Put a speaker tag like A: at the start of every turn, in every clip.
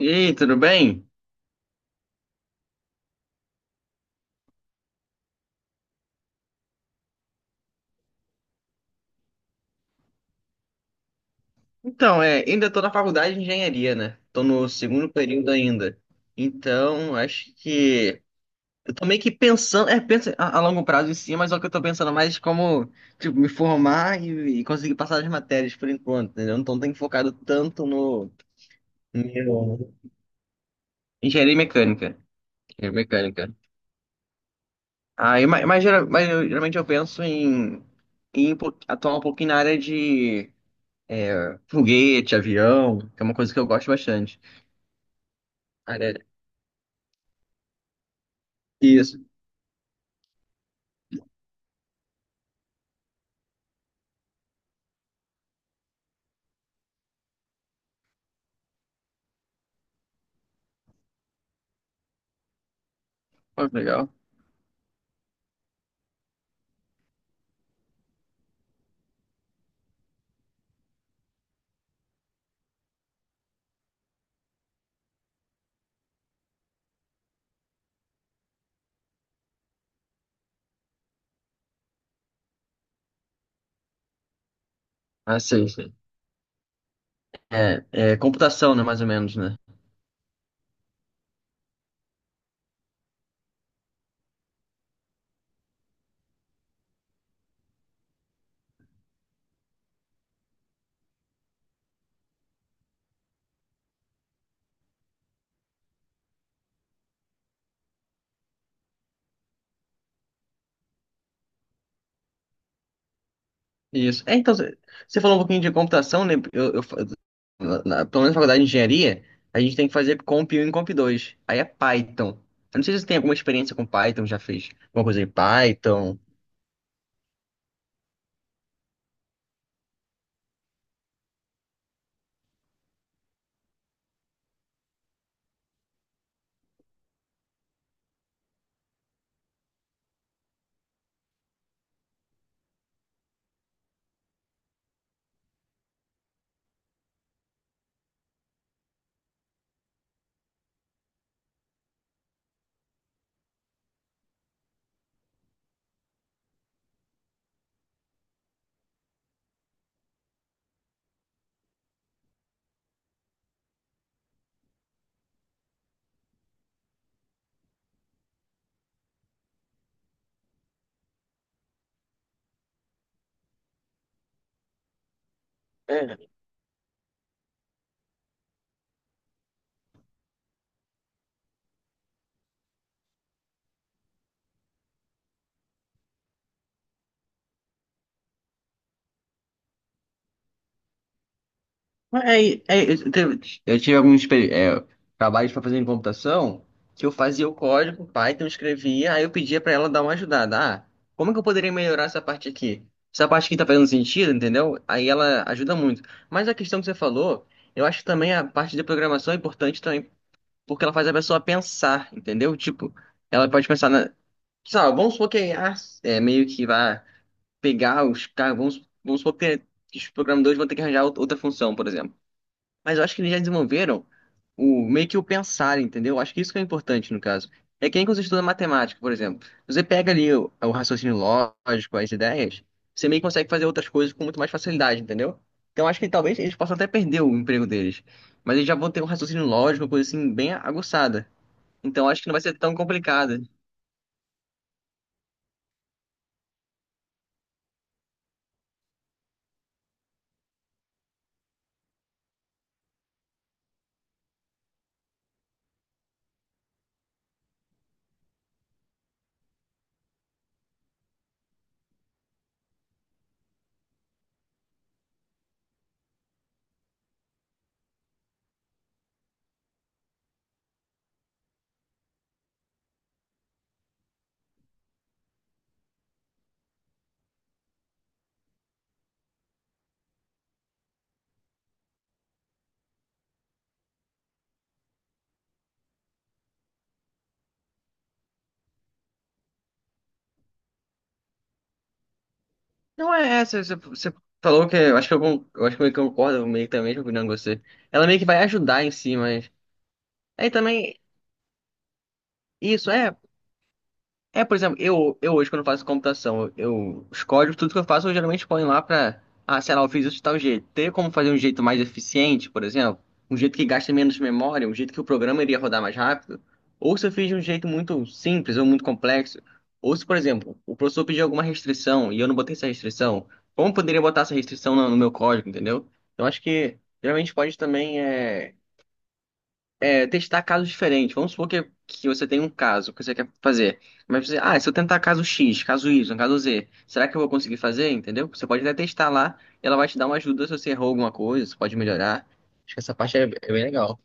A: E aí, tudo bem? Ainda tô na faculdade de engenharia, né? Tô no segundo período ainda. Então, acho que eu tô meio que pensando, penso a longo prazo em si, mas só que eu tô pensando mais como, tipo, me formar e conseguir passar as matérias por enquanto, entendeu? Então, tenho focado tanto no meu engenharia mecânica, engenharia mecânica. Aí, geralmente eu penso em, em atuar um pouquinho na área de foguete, avião, que é uma coisa que eu gosto bastante. Aré- Isso. Pô, que legal. Ah, sei, sei. É, é computação, né? Mais ou menos, né? Isso. Você falou um pouquinho de computação, né? Eu fa- na, na- pelo menos na faculdade de engenharia, a gente tem que fazer Comp um e Comp 2. Aí é Python. Eu não sei se você tem alguma experiência com Python, já fez alguma coisa em Python. É, eu tive alguns trabalhos para fazer em computação que eu fazia o código, Python, escrevia, aí eu pedia para ela dar uma ajudada. Ah, como é que eu poderia melhorar essa parte aqui? Essa parte aqui tá fazendo sentido, entendeu? Aí ela ajuda muito. Mas a questão que você falou, eu acho que também a parte de programação é importante também, porque ela faz a pessoa pensar, entendeu? Tipo, ela pode pensar na. Sabe, vamos supor que a IA é meio que vai pegar os caras, vamos supor que os programadores vão ter que arranjar outra função, por exemplo. Mas eu acho que eles já desenvolveram o meio que o pensar, entendeu? Eu acho que isso que é importante no caso. É que nem quando você estuda matemática, por exemplo. Você pega ali o raciocínio lógico, as ideias, você meio que consegue fazer outras coisas com muito mais facilidade, entendeu? Então eu acho que talvez eles possam até perder o emprego deles. Mas eles já vão ter um raciocínio lógico, uma coisa assim, bem aguçada. Então eu acho que não vai ser tão complicado. Não é essa, você falou que. Eu acho que eu acho que eu concordo meio que também com a opinião de você. Ela meio que vai ajudar em si, mas. Aí também. Isso, é. É, por exemplo, eu hoje, quando faço computação, eu, os códigos, tudo que eu faço, eu geralmente ponho lá pra, ah, sei lá, eu fiz isso de tal jeito. Teria como fazer um jeito mais eficiente, por exemplo? Um jeito que gasta menos memória, um jeito que o programa iria rodar mais rápido? Ou se eu fiz de um jeito muito simples ou muito complexo? Ou se, por exemplo, o professor pediu alguma restrição e eu não botei essa restrição, como eu poderia botar essa restrição no meu código, entendeu? Então, acho que, geralmente, pode também, testar casos diferentes. Vamos supor que você tem um caso que você quer fazer. Mas você, ah, se eu tentar caso X, caso Y, caso Z, será que eu vou conseguir fazer? Entendeu? Você pode até testar lá e ela vai te dar uma ajuda se você errou alguma coisa, você pode melhorar. Acho que essa parte é bem legal.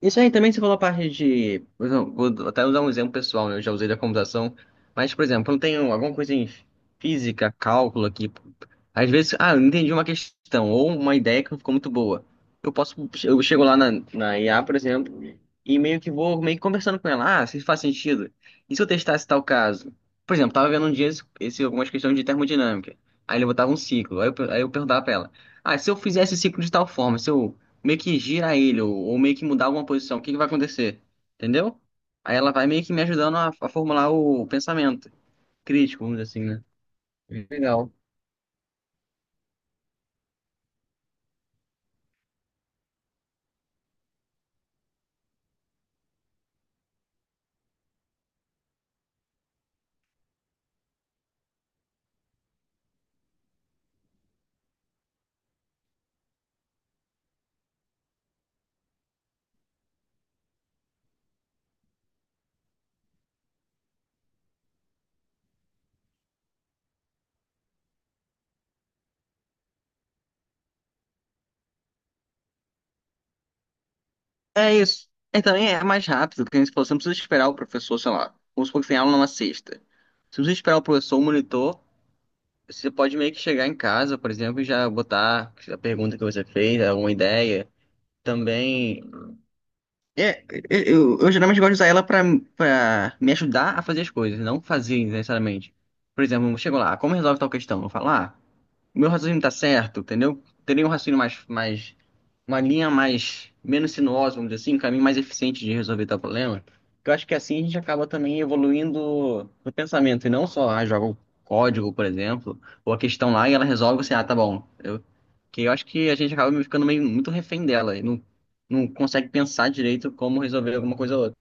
A: Isso aí também você falou a parte de. Por exemplo, vou até usar um exemplo pessoal, né? Eu já usei da computação. Mas, por exemplo, eu tenho alguma coisa em física, cálculo aqui. Às vezes, ah, eu não entendi uma questão ou uma ideia que não ficou muito boa. Eu posso. Eu chego lá na IA, por exemplo, e meio que vou meio que conversando com ela. Ah, se isso faz sentido. E se eu testasse tal caso? Por exemplo, tava vendo um dia algumas questões de termodinâmica. Aí ele botava um ciclo. Aí eu perguntava pra ela. Ah, se eu fizesse esse ciclo de tal forma, se eu meio que gira ele, ou meio que mudar alguma posição, o que que vai acontecer? Entendeu? Aí ela vai meio que me ajudando a formular o pensamento crítico, vamos dizer assim, né? Legal. É isso. E também é mais rápido, porque se você não precisa esperar o professor, sei lá, vamos supor que tem aula numa sexta. Você não precisa esperar o professor, o monitor, você pode meio que chegar em casa, por exemplo, e já botar a pergunta que você fez, alguma ideia. Também é, eu geralmente gosto de usar ela pra, pra me ajudar a fazer as coisas, não fazer necessariamente. Por exemplo, eu chego lá, como resolve tal questão? Eu falo, ah, meu raciocínio tá certo, entendeu? Teria um raciocínio mais uma linha mais menos sinuosa, vamos dizer assim, um caminho mais eficiente de resolver tal problema. Que eu acho que assim a gente acaba também evoluindo no pensamento e não só ah, joga o código, por exemplo, ou a questão lá e ela resolve assim, ah, tá bom. Eu, que eu acho que a gente acaba ficando meio muito refém dela e não, não consegue pensar direito como resolver alguma coisa ou outra.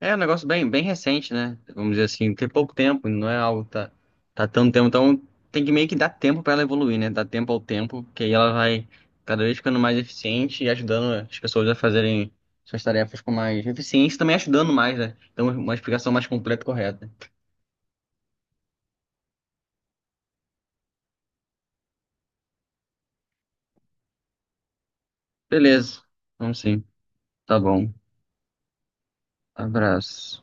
A: É um negócio bem, bem recente, né? Vamos dizer assim, tem pouco tempo, não é algo que tá, tá tanto tempo. Então tem que meio que dar tempo pra ela evoluir, né? Dar tempo ao tempo, que aí ela vai cada vez ficando mais eficiente e ajudando as pessoas a fazerem suas tarefas com mais eficiência e também ajudando mais, né? Então uma explicação mais completa e correta. Beleza. Vamos sim. Tá bom. Abraço.